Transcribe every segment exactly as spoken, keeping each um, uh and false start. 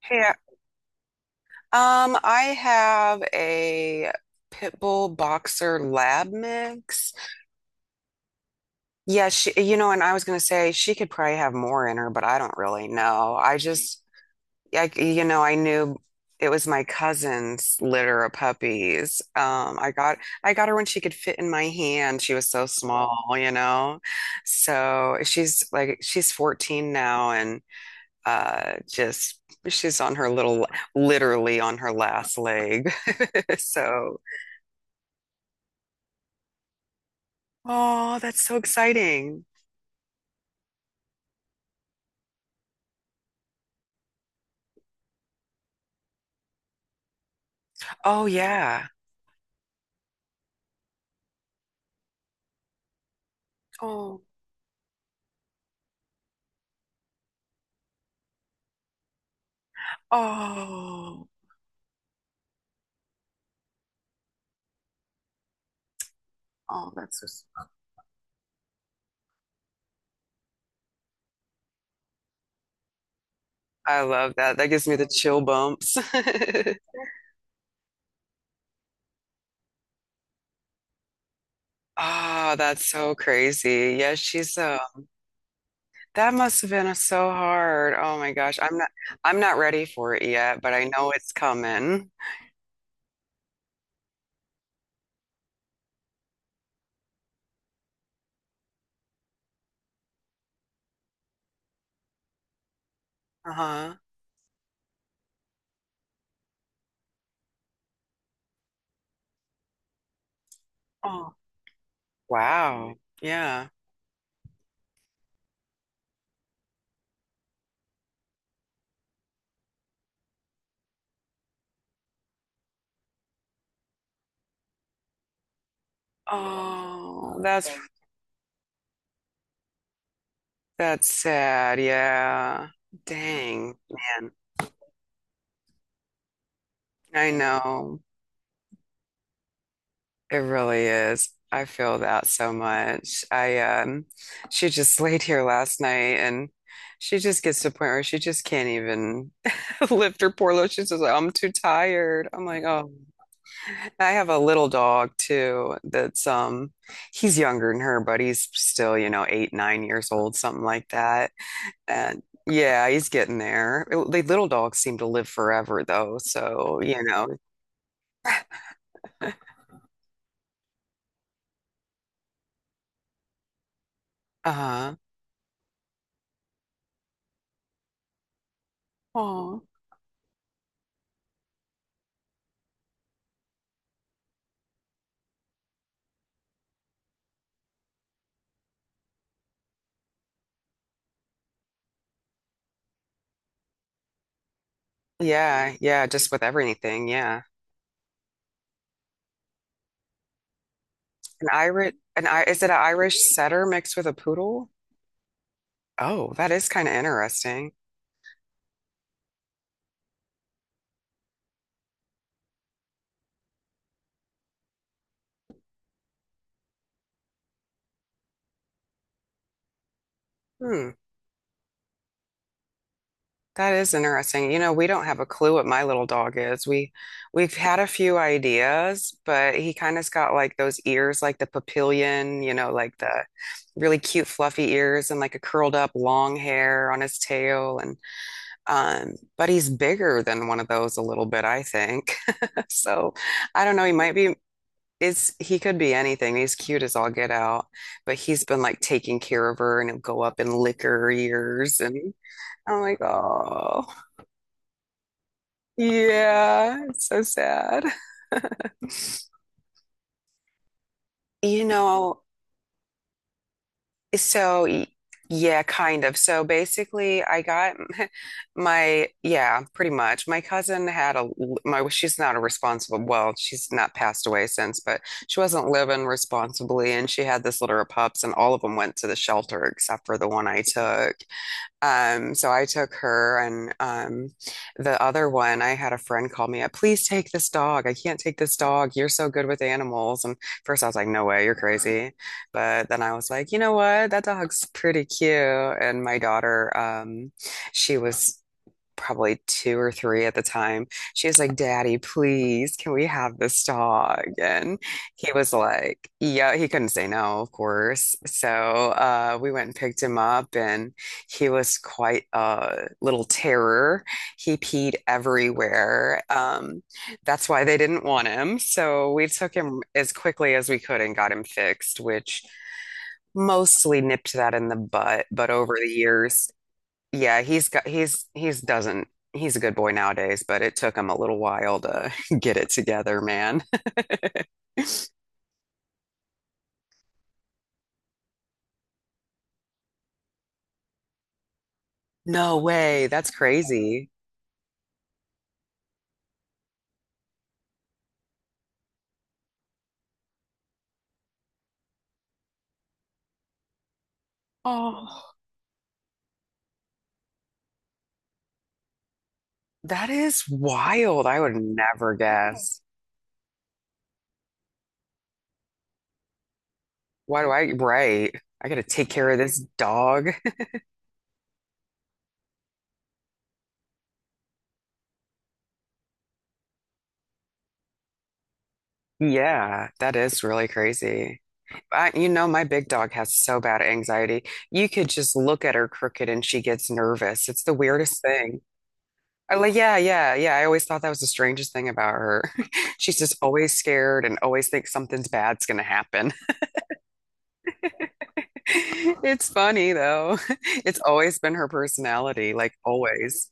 Hey, um, I have a pit bull boxer lab mix. Yeah, she, you know, and I was gonna say she could probably have more in her, but I don't really know. I just, like, you know, I knew it was my cousin's litter of puppies. Um, I got, I got her when she could fit in my hand. She was so. Oh, small, you know. So she's like, she's fourteen now, and uh, just she's on her little, literally on her last leg. So, oh, that's so exciting. Oh, yeah. Oh, oh, oh, that's so. s- I love that. That gives me the chill bumps. Oh, that's so crazy. Yeah, she's uh that must have been uh, so hard. Oh my gosh. I'm not I'm not ready for it yet, but I know it's coming. Uh-huh. Oh. Wow. Yeah. Oh, that's that's sad. Yeah. Dang, man. I know. It really is. I feel that so much. I um she just laid here last night and she just gets to a point where she just can't even lift her poor load. She's just like, I'm too tired. I'm like, oh, I have a little dog too that's um he's younger than her, but he's still, you know, eight, nine years old, something like that. And yeah, he's getting there. It- the little dogs seem to live forever though, so you know. Uh-huh. Aw. Yeah, yeah, just with everything, yeah. An Irish an I Is it an Irish setter mixed with a poodle? Oh, that is kind of interesting. Hmm. That is interesting. You know, we don't have a clue what my little dog is. We we've had a few ideas, but he kind of's got like those ears like the papillion, you know, like the really cute fluffy ears and like a curled up long hair on his tail and um but he's bigger than one of those a little bit, I think. So, I don't know, he might be. Is he could be anything. He's cute as all get out, but he's been like taking care of her and he'll go up and lick her ears and I'm like, oh. Yeah, it's so sad. You know, so y- yeah, kind of. So basically, I got my, yeah, pretty much. My cousin had a, my, well, she's not a responsible, well, she's not passed away since, but she wasn't living responsibly. And she had this litter of pups, and all of them went to the shelter except for the one I took. Um, so I took her and um, the other one, I had a friend call me up, please take this dog. I can't take this dog. You're so good with animals. And first I was like, no way, you're crazy. But then I was like, you know what? That dog's pretty cute. And my daughter, um, she was probably two or three at the time. She was like, Daddy, please, can we have this dog? And he was like, yeah, he couldn't say no, of course. So uh, we went and picked him up, and he was quite a little terror. He peed everywhere. Um, that's why they didn't want him. So we took him as quickly as we could and got him fixed, which mostly nipped that in the butt. But over the years, yeah, he's got he's he's doesn't he's a good boy nowadays, but it took him a little while to get it together, man. No way, that's crazy. That is wild. I would never guess. Why do I, right? I gotta take care of this dog. Yeah, that is really crazy. I, you know, my big dog has so bad anxiety. You could just look at her crooked and she gets nervous. It's the weirdest thing. I like, yeah, yeah, yeah. I always thought that was the strangest thing about her. She's just always scared and always thinks something's bad's gonna happen. It's funny though. It's always been her personality, like always.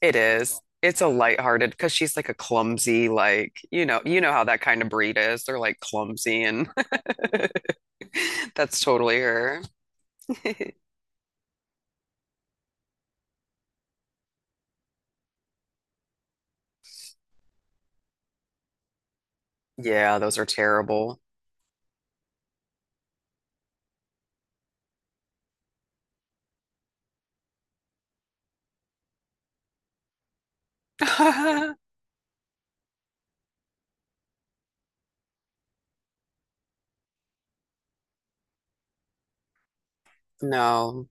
It is. It's a lighthearted because she's like a clumsy, like, you know, you know how that kind of breed is. They're like clumsy and that's totally her. Yeah, those are terrible. No.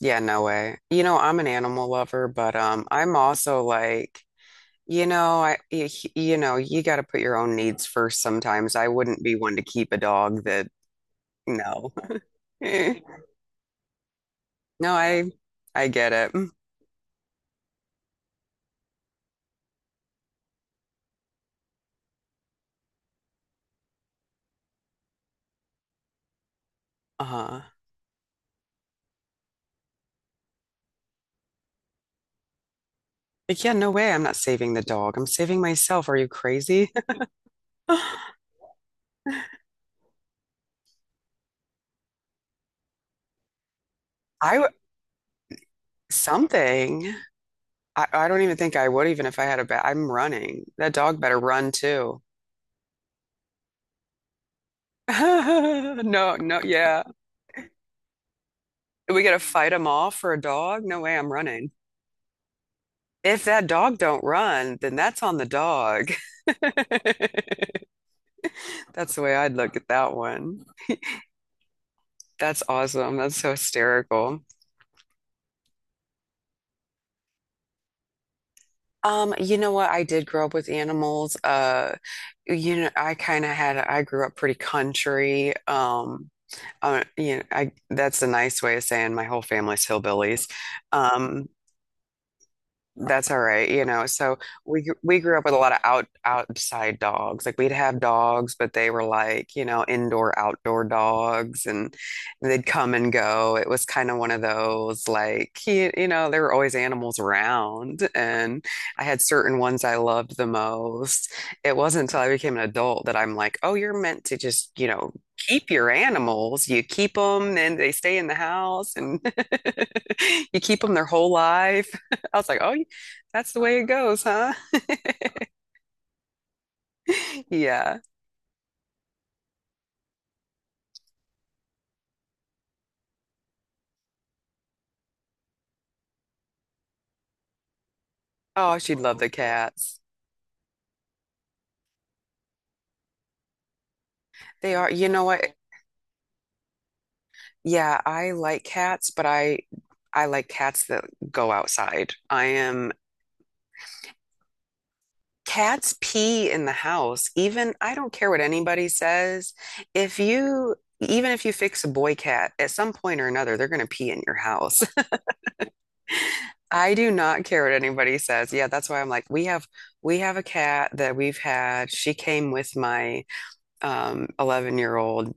Yeah, no way. You know, I'm an animal lover, but um I'm also like. You know, I you, you know, you got to put your own needs first sometimes. I wouldn't be one to keep a dog that no. Eh. No, I I get it. Uh-huh. Like, yeah, no way. I'm not saving the dog. I'm saving myself. Are you crazy? I w- something. I, I don't even think I would even if I had a bat. I'm running. That dog better run too. No, no, yeah. We got to fight him off for a dog? No way, I'm running. If that dog don't run, then that's on the dog. That's the way I'd look at that one. That's awesome. That's so hysterical. Um, you know what? I did grow up with animals. Uh, you know, I kind of had, I grew up pretty country. Um, uh, you know, I that's a nice way of saying my whole family's hillbillies. Um, That's all right, you know. So we gr- we grew up with a lot of out outside dogs. Like we'd have dogs, but they were like, you know, indoor outdoor dogs and they'd come and go. It was kind of one of those like you, you know, there were always animals around and I had certain ones I loved the most. It wasn't until I became an adult that I'm like, "Oh, you're meant to just, you know, keep your animals. You keep them and they stay in the house and you keep them their whole life." I was like, oh, that's the way it goes, huh? Yeah. Oh, she'd love the cats. They are, you know what? Yeah, I like cats, but I I like cats that go outside. I am Cats pee in the house. Even I don't care what anybody says. If you even if you fix a boy cat, at some point or another, they're going to pee in your house. I do not care what anybody says. Yeah, that's why I'm like, we have we have a cat that we've had. She came with my um eleven year old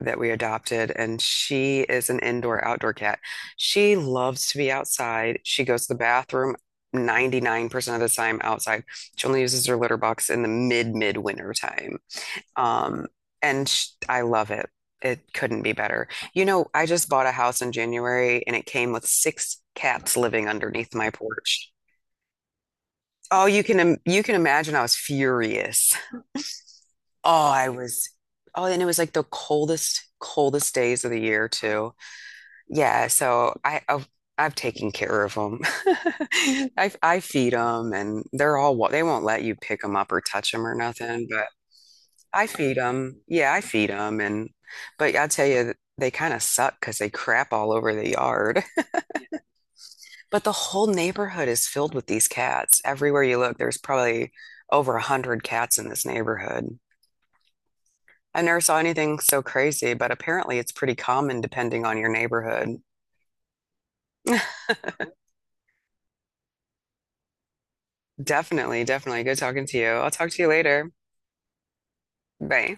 that we adopted, and she is an indoor outdoor cat. She loves to be outside. She goes to the bathroom ninety-nine percent of the time outside. She only uses her litter box in the mid midwinter time. Um, and sh I love it. It couldn't be better. You know, I just bought a house in January and it came with six cats living underneath my porch. Oh, you can im- you can imagine I was furious. Oh, I was. Oh, and it was like the coldest, coldest days of the year too. Yeah, so I I've, I've taken care of them. I I feed them, and they're all wa- they won't let you pick them up or touch them or nothing. But I feed them. Yeah, I feed them, and but I tell you, they kind of suck because they crap all over the yard. But the whole neighborhood is filled with these cats. Everywhere you look, there's probably over a hundred cats in this neighborhood. I never saw anything so crazy, but apparently it's pretty common depending on your neighborhood. Definitely, definitely. Good talking to you. I'll talk to you later. Bye.